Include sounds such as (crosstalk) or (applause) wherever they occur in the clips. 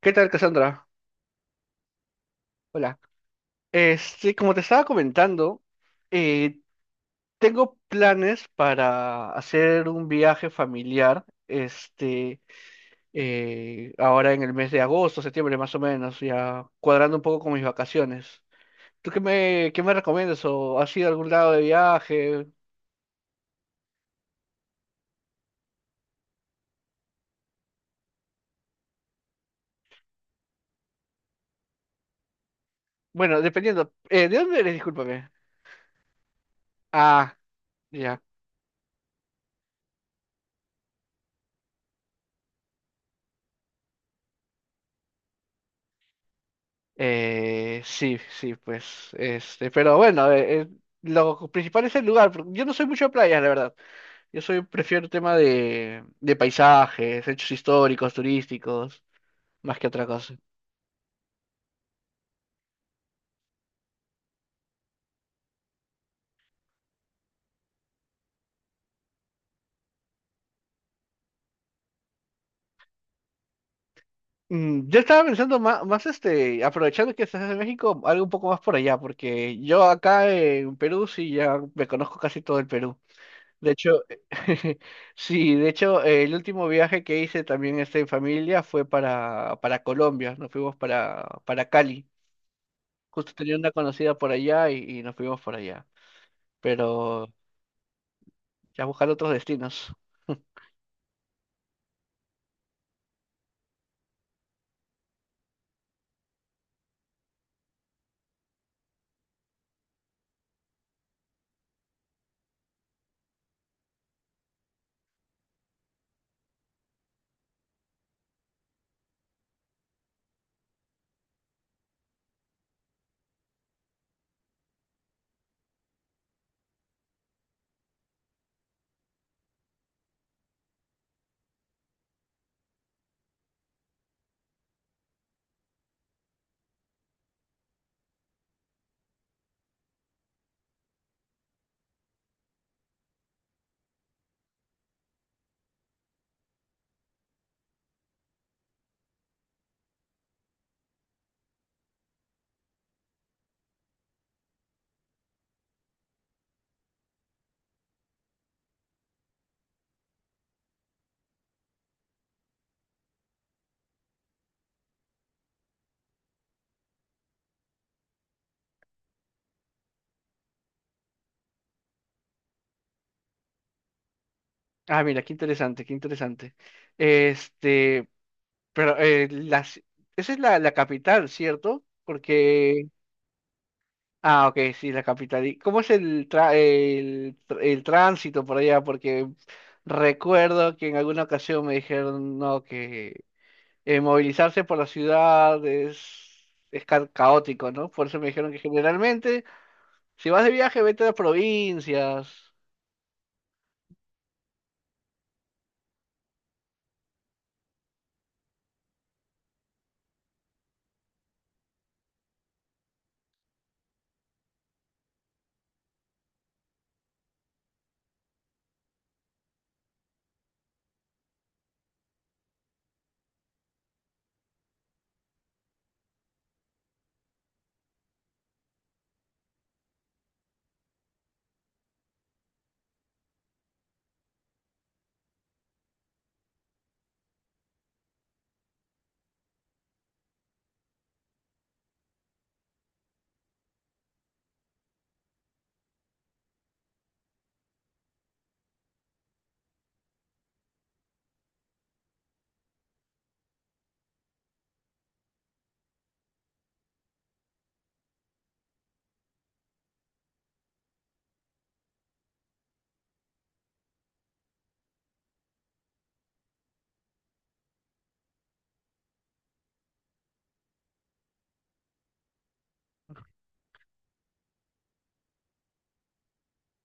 ¿Qué tal, Cassandra? Hola. Como te estaba comentando, eh, tengo planes para hacer un viaje familiar, ahora en el mes de agosto, septiembre más o menos, ya cuadrando un poco con mis vacaciones. ¿Tú qué me recomiendas? ¿O has ido a algún lado de viaje? Bueno, dependiendo. ¿De dónde eres? Discúlpame. Ah, ya. Sí, sí, pues, pero bueno, lo principal es el lugar, porque yo no soy mucho de playas, la verdad. Yo soy, prefiero el tema de, paisajes, hechos históricos, turísticos, más que otra cosa. Mm, yo estaba pensando más, aprovechando que estás en México, algo un poco más por allá, porque yo acá en Perú sí ya me conozco casi todo el Perú. De hecho, (laughs) sí, de hecho, el último viaje que hice también en familia fue para Colombia. Nos fuimos para Cali. Justo tenía una conocida por allá y nos fuimos por allá, pero ya buscar otros destinos. Ah, mira, qué interesante, qué interesante. Este, pero esa es la capital, ¿cierto? Porque. Ah, ok, sí, la capital. ¿Y cómo es el, tra- el, tr- el tránsito por allá? Porque recuerdo que en alguna ocasión me dijeron, no, que movilizarse por la ciudad es caótico, ¿no? Por eso me dijeron que generalmente, si vas de viaje, vete a las provincias.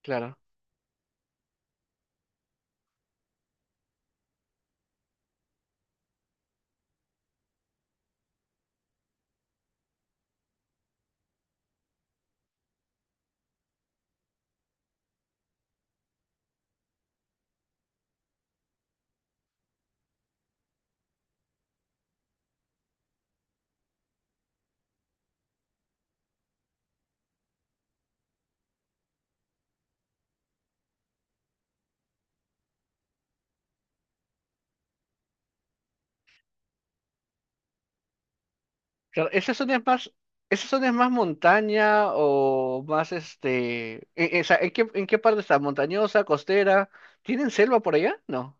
Claro. Claro, ¿ esa zona es más montaña o más ¿En qué parte está? ¿Montañosa, costera? ¿Tienen selva por allá? No.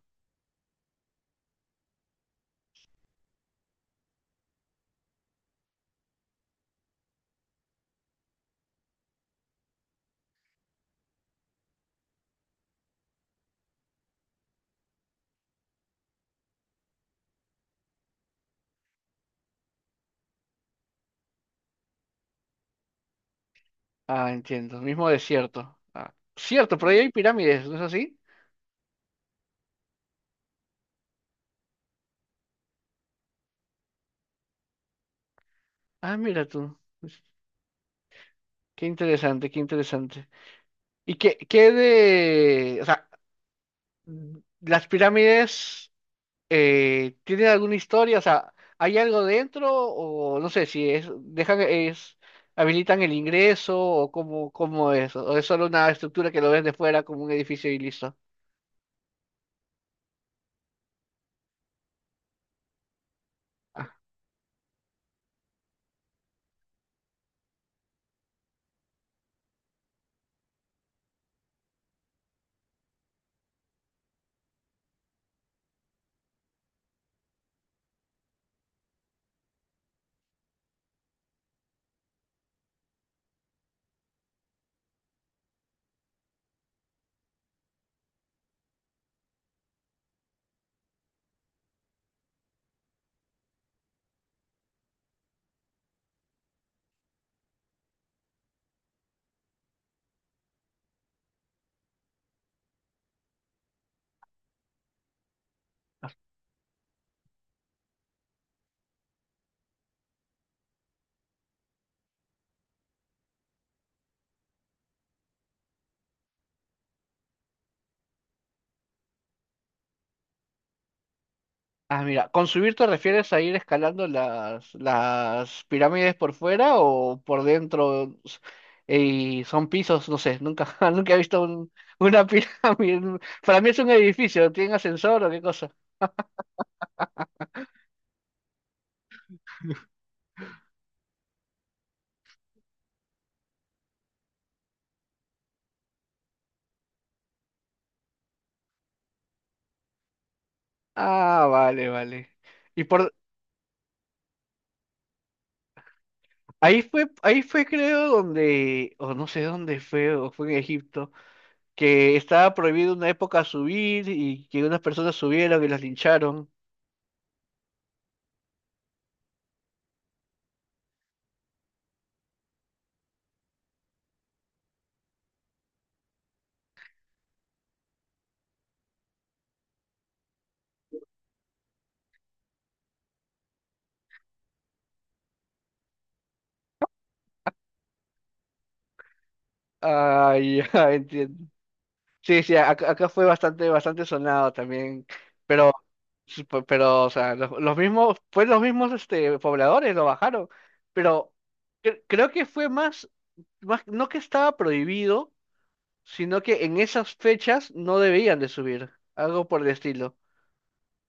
Ah, entiendo. Mismo desierto. Ah, cierto, pero ahí hay pirámides, ¿no es así? Ah, mira tú. Pues, qué interesante, qué interesante. O sea, las pirámides, ¿tienen alguna historia? O sea, ¿hay algo dentro? O no sé si es... Dejan, es... ¿Habilitan el ingreso? ¿O cómo es? ¿O es solo una estructura que lo ves de fuera como un edificio y listo? Ah, mira, ¿con subir te refieres a ir escalando las pirámides por fuera o por dentro? ¿Y son pisos? No sé, nunca, (laughs) nunca he visto una (laughs) pirámide. Para mí es un edificio, ¿tiene ascensor o qué cosa? Ah, vale, vale. Y por ahí fue creo donde, o no sé dónde fue, o fue en Egipto, que estaba prohibido una época subir y que unas personas subieron y las lincharon. Ah, ya (laughs) entiendo. Sí, sí, acá fue bastante, bastante sonado también, pero, sí, pero, o sea, los mismos, fue los mismos, pobladores lo bajaron, pero creo que fue más, no que estaba prohibido, sino que en esas fechas no debían de subir, algo por el estilo,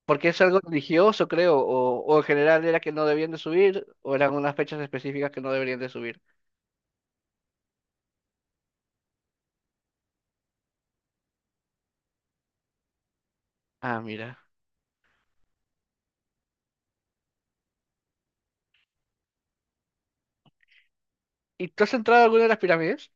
porque es algo religioso, creo, o en general era que no debían de subir, o eran unas fechas específicas que no deberían de subir. Ah, mira. ¿Y tú has entrado a alguna de las pirámides?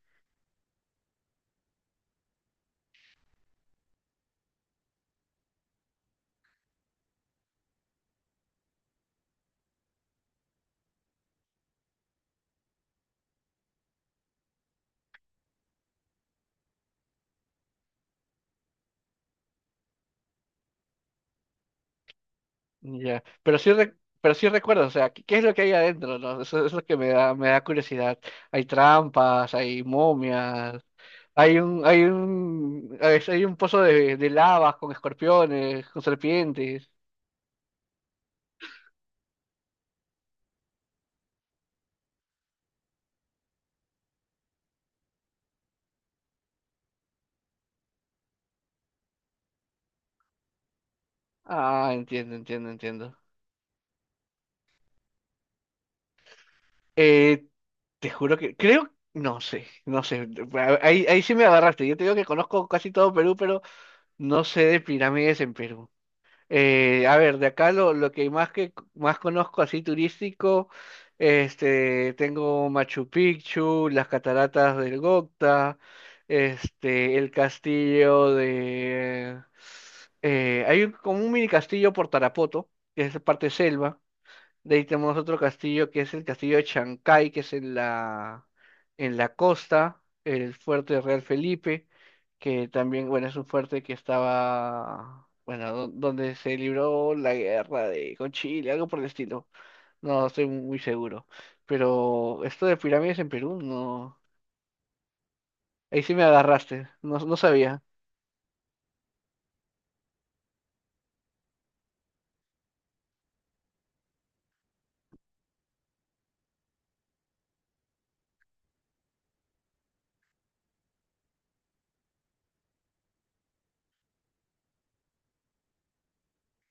Ya. Pero sí, pero sí recuerdo, o sea, ¿qué, es lo que hay adentro, ¿no? Eso es lo que me da curiosidad. Hay trampas, hay momias, a veces hay un pozo de, lavas con escorpiones, con serpientes. Ah, entiendo, entiendo, entiendo. Eh, Te juro que, creo, no sé, ahí sí me agarraste. Yo te digo que conozco casi todo Perú, pero no sé de pirámides en Perú. A ver, de acá lo que más conozco así turístico, tengo Machu Picchu, las cataratas del Gocta, el castillo de, hay como un mini castillo por Tarapoto, que es parte selva. De ahí tenemos otro castillo, que es el castillo de Chancay, que es en la costa, el fuerte Real Felipe, que también, bueno, es un fuerte que estaba, bueno, donde se libró la guerra de, con Chile, algo por el estilo. No estoy muy seguro. Pero esto de pirámides en Perú, no. Ahí sí me agarraste, no, no sabía.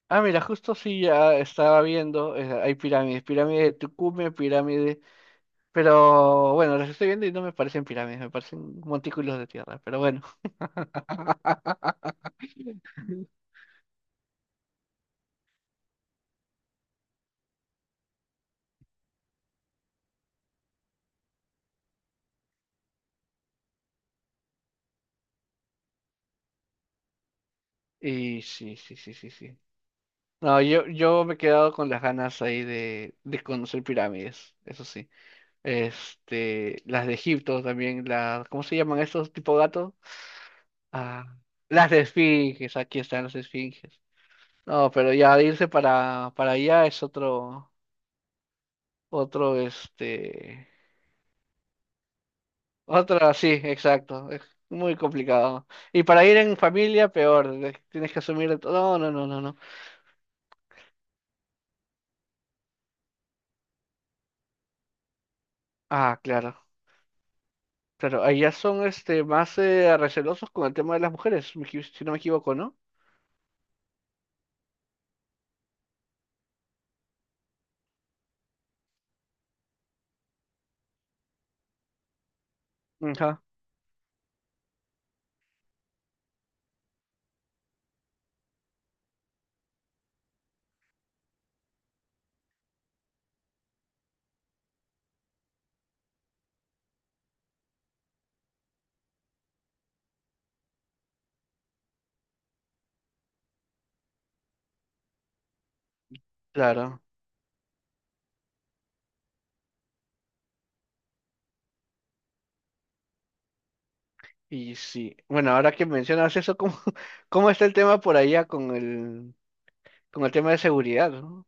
Ah, mira, justo sí ya estaba viendo, hay pirámides, pirámide de Tucumán, pirámide. Pero bueno, los estoy viendo y no me parecen pirámides, me parecen montículos de tierra, pero bueno. (laughs) Y sí, sí, sí, sí, sí. No, yo, me he quedado con las ganas ahí de, conocer pirámides, eso sí. Las de Egipto también, ¿cómo se llaman estos tipo gatos? Ah, las de esfinges, aquí están las esfinges. No, pero ya irse para, allá es otro, otro, este, otra, sí, exacto. Es muy complicado. Y para ir en familia, peor. Tienes que asumir de todo. No, no, no, no, no. Ah, claro. Claro, allá son más recelosos con el tema de las mujeres, si no me equivoco, ¿no? Ajá. Claro. Y sí. Bueno, ahora que mencionas eso, ¿cómo, (laughs) cómo está el tema por allá con el tema de seguridad, ¿no?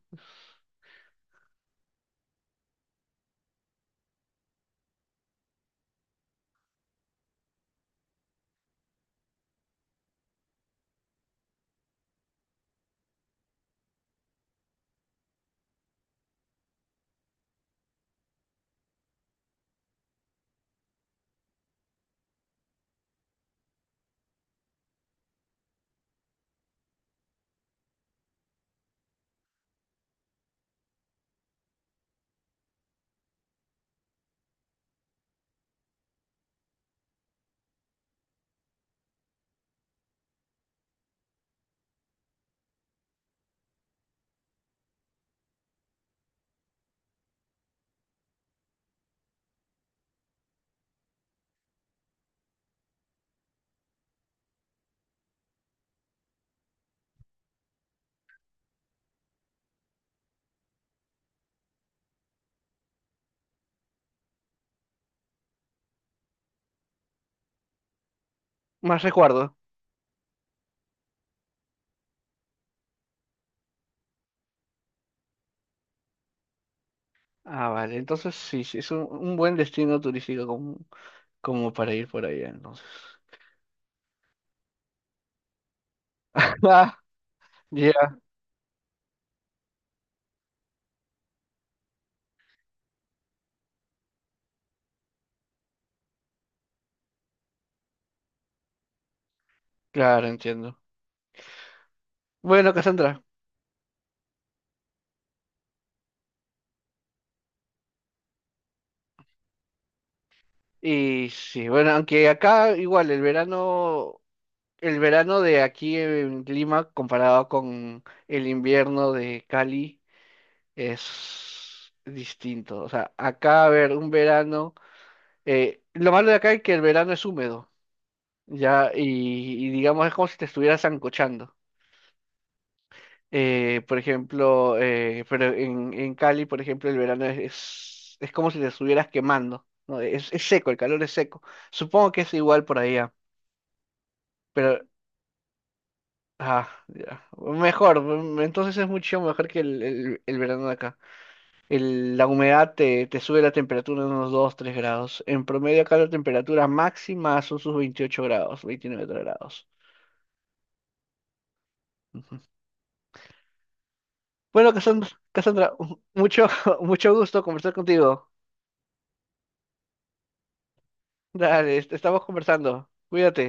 Más recuerdo. Ah, vale. Entonces sí, sí, es un buen destino turístico como, para ir por allá, entonces. (laughs) Ah, ya. Claro, entiendo. Bueno, Cassandra. Y sí, bueno, aunque acá igual el verano de aquí en Lima comparado con el invierno de Cali es distinto. O sea, acá, a ver, un verano, lo malo de acá es que el verano es húmedo, ya, y digamos es como si te estuvieras ancochando. Por ejemplo, pero en, Cali, por ejemplo, el verano es como si te estuvieras quemando, ¿no? Es seco, el calor es seco. Supongo que es igual por allá, pero ah, ya. Mejor, mm, entonces es mucho mejor que el verano de acá. La humedad te, sube la temperatura en unos 2 3 grados. En promedio acá la temperatura máxima son sus 28 grados, 29 grados. Ujú. Bueno, Cassandra, Cassandra, mucho, (laughs) mucho gusto conversar contigo. Dale, estamos conversando. Cuídate.